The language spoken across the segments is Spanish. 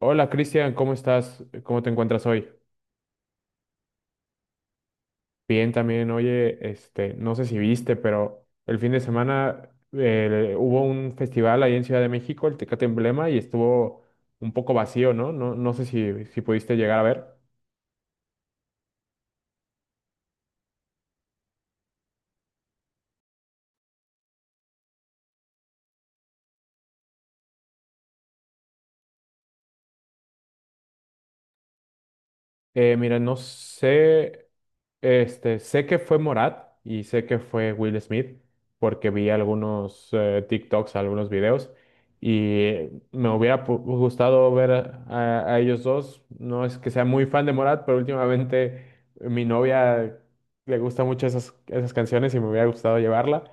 Hola Cristian, ¿cómo estás? ¿Cómo te encuentras hoy? Bien también, oye, no sé si viste, pero el fin de semana hubo un festival ahí en Ciudad de México, el Tecate Emblema, y estuvo un poco vacío, ¿no? No, no sé si pudiste llegar a ver. Mira, no sé. Sé que fue Morat y sé que fue Will Smith porque vi algunos TikToks, algunos videos y me hubiera gustado ver a, a ellos dos. No es que sea muy fan de Morat, pero últimamente mi novia le gusta mucho esas canciones y me hubiera gustado llevarla.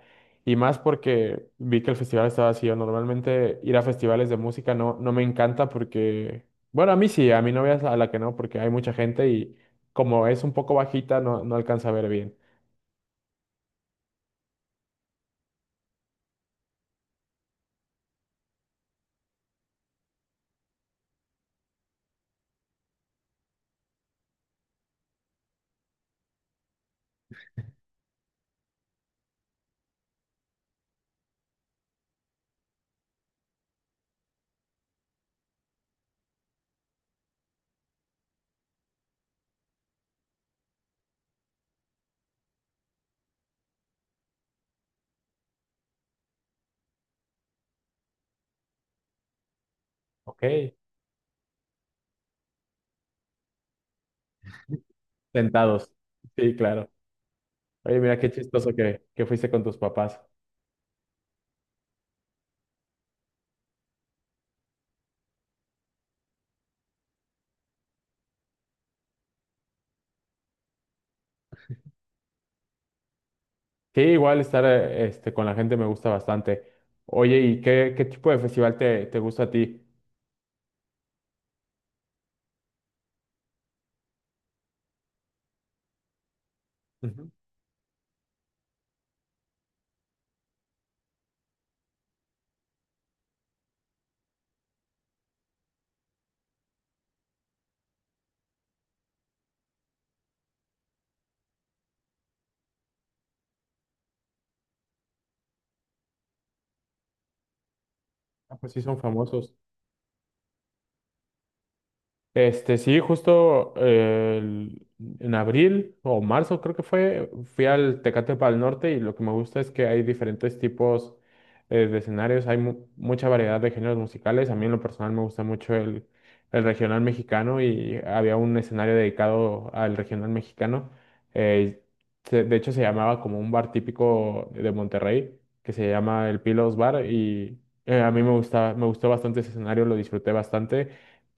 Y más porque vi que el festival estaba vacío. Normalmente ir a festivales de música no me encanta porque, bueno, a mí sí, a mi novia es a la que no porque hay mucha gente como es un poco bajita, no alcanza a ver bien. Ok, sentados. Sí, claro. Oye, mira qué chistoso que fuiste con tus papás. Sí, igual estar con la gente me gusta bastante. Oye, ¿y qué tipo de festival te gusta a ti? Ujú. Ah, pues sí, son famosos. Sí, justo en abril o marzo creo que fue, fui al Tecate el Norte y lo que me gusta es que hay diferentes tipos de escenarios, hay mucha variedad de géneros musicales. A mí en lo personal me gusta mucho el regional mexicano y había un escenario dedicado al regional mexicano. eh, de hecho se llamaba como un bar típico de Monterrey que se llama el Pilos Bar y a mí me gustó bastante ese escenario, lo disfruté bastante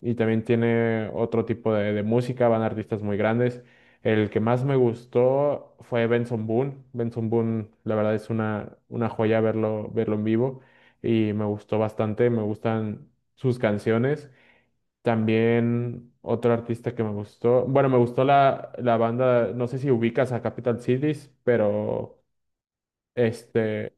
y también tiene otro tipo de música, van artistas muy grandes. El que más me gustó fue Benson Boone. Benson Boone, la verdad es una joya verlo en vivo y me gustó bastante, me gustan sus canciones. También otro artista que me gustó, bueno, me gustó la banda, no sé si ubicas a Capital Cities, pero este,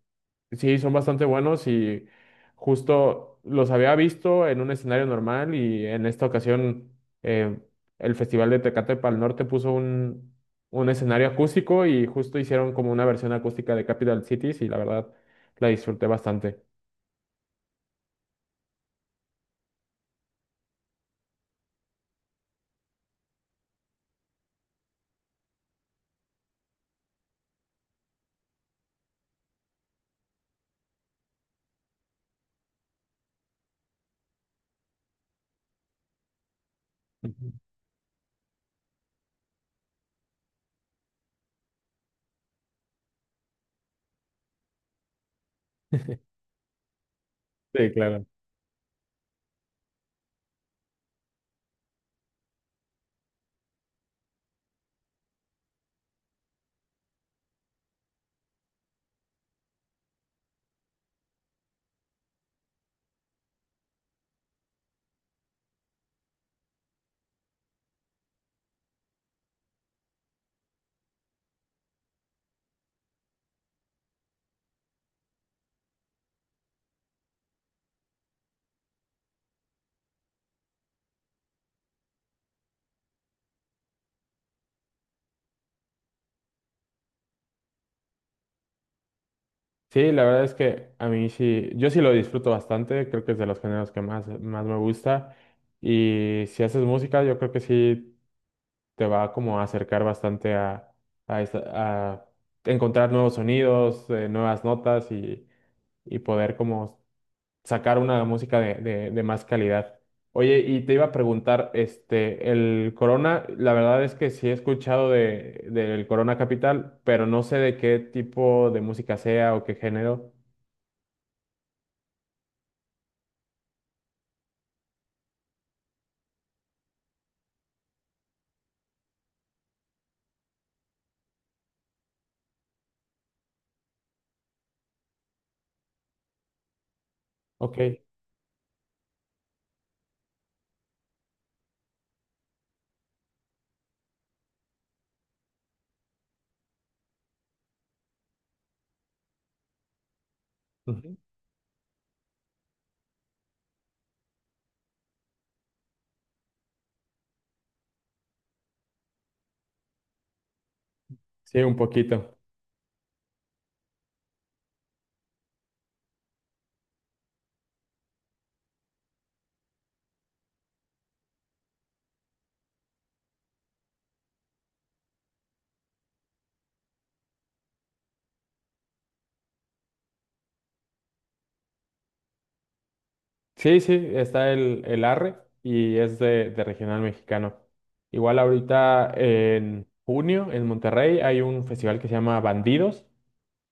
sí, son bastante buenos y justo los había visto en un escenario normal y en esta ocasión eh, el Festival de Tecate Pal Norte puso un escenario acústico y justo hicieron como una versión acústica de Capital Cities y la verdad la disfruté bastante. Ujú. Sí, claro. Sí, la verdad es que a mí sí, yo sí lo disfruto bastante, creo que es de los géneros que más me gusta y si haces música yo creo que sí te va como a acercar bastante a, esta- a encontrar nuevos sonidos, nuevas y poder como sacar una música de más calidad. Oye, y te iba a preguntar, el Corona, la verdad es que sí he escuchado del Corona Capital, pero no sé de qué tipo de música sea o qué género. Ok. Ujú. Sí, un poquito. Sí, sí, está el Arre y es de regional mexicano. Igual ahorita en junio en Monterrey hay un festival que se llama Bandidos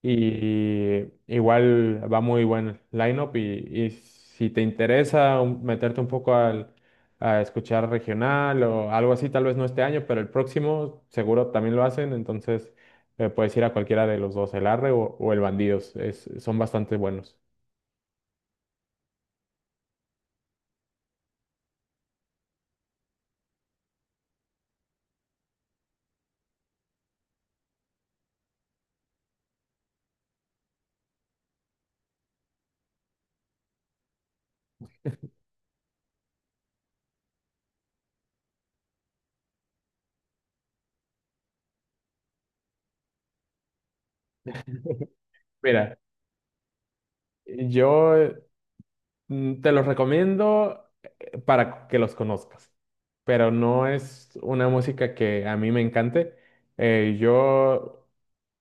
y igual va muy buen line-up y si te interesa meterte un poco a escuchar regional o algo así, tal vez no este año, pero el próximo seguro también lo hacen, entonces puedes ir a cualquiera de los dos, el Arre o el Bandidos, son bastante buenos. Mira, yo te los recomiendo para que los conozcas, pero no es una música que a mí me encante. Eh, yo,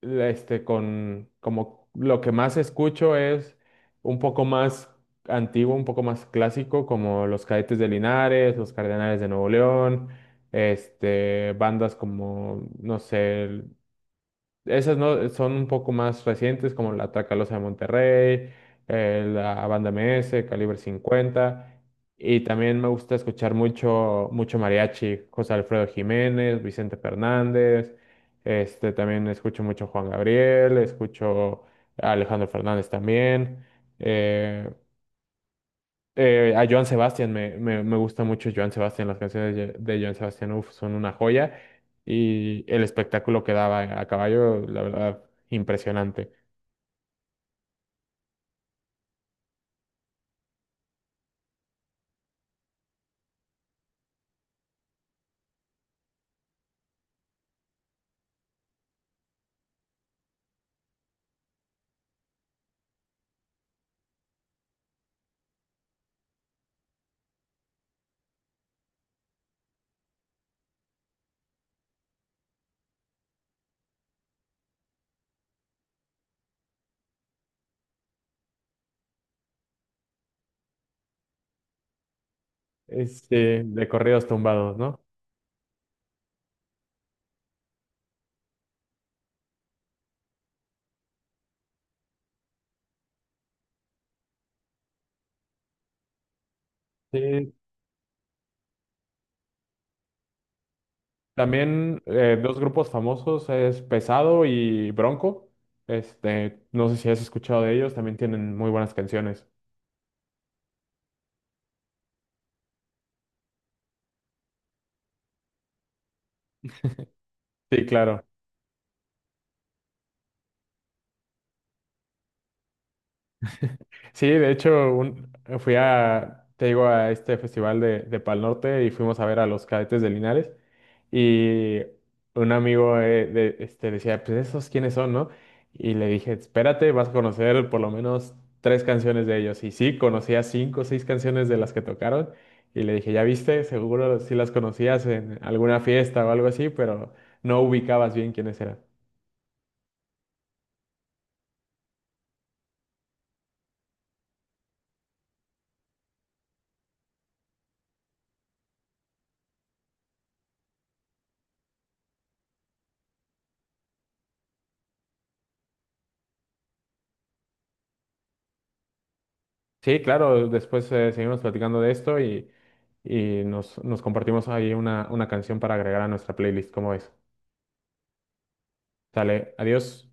como lo que más escucho es un poco más antiguo, un poco más clásico, como los Cadetes de Linares, los Cardenales de Nuevo León, bandas como, no sé, esas no son un poco más recientes, como la Tracalosa de Monterrey, la Banda MS, Calibre 50. Y también me gusta escuchar mucho, mucho mariachi, José Alfredo Jiménez, Vicente Fernández. También escucho mucho Juan Gabriel, escucho a Alejandro Fernández también. eh, a Joan Sebastián, me gusta mucho Joan Sebastián, las canciones de Joan Sebastián uf, son una joya y el espectáculo que daba a caballo, la verdad, impresionante. De corridos tumbados, ¿no? Sí, también dos grupos famosos es Pesado y Bronco. No sé si has escuchado de ellos, también tienen muy buenas canciones. Sí, claro. Sí, de hecho, fui a, te digo, a este festival de Pal Norte y fuimos a ver a los Cadetes de Linares. Y un amigo decía, pues esos quiénes son, ¿no? Y le dije, espérate, vas a conocer por lo menos 3 canciones de ellos. Y sí, conocía 5 o 6 canciones de las que tocaron. Y le dije, ya viste, seguro sí las conocías en alguna fiesta o algo así, pero no ubicabas bien quiénes eran. Sí, claro, después seguimos platicando de esto y nos compartimos ahí una canción para agregar a nuestra playlist, ¿cómo ves? Sale, adiós.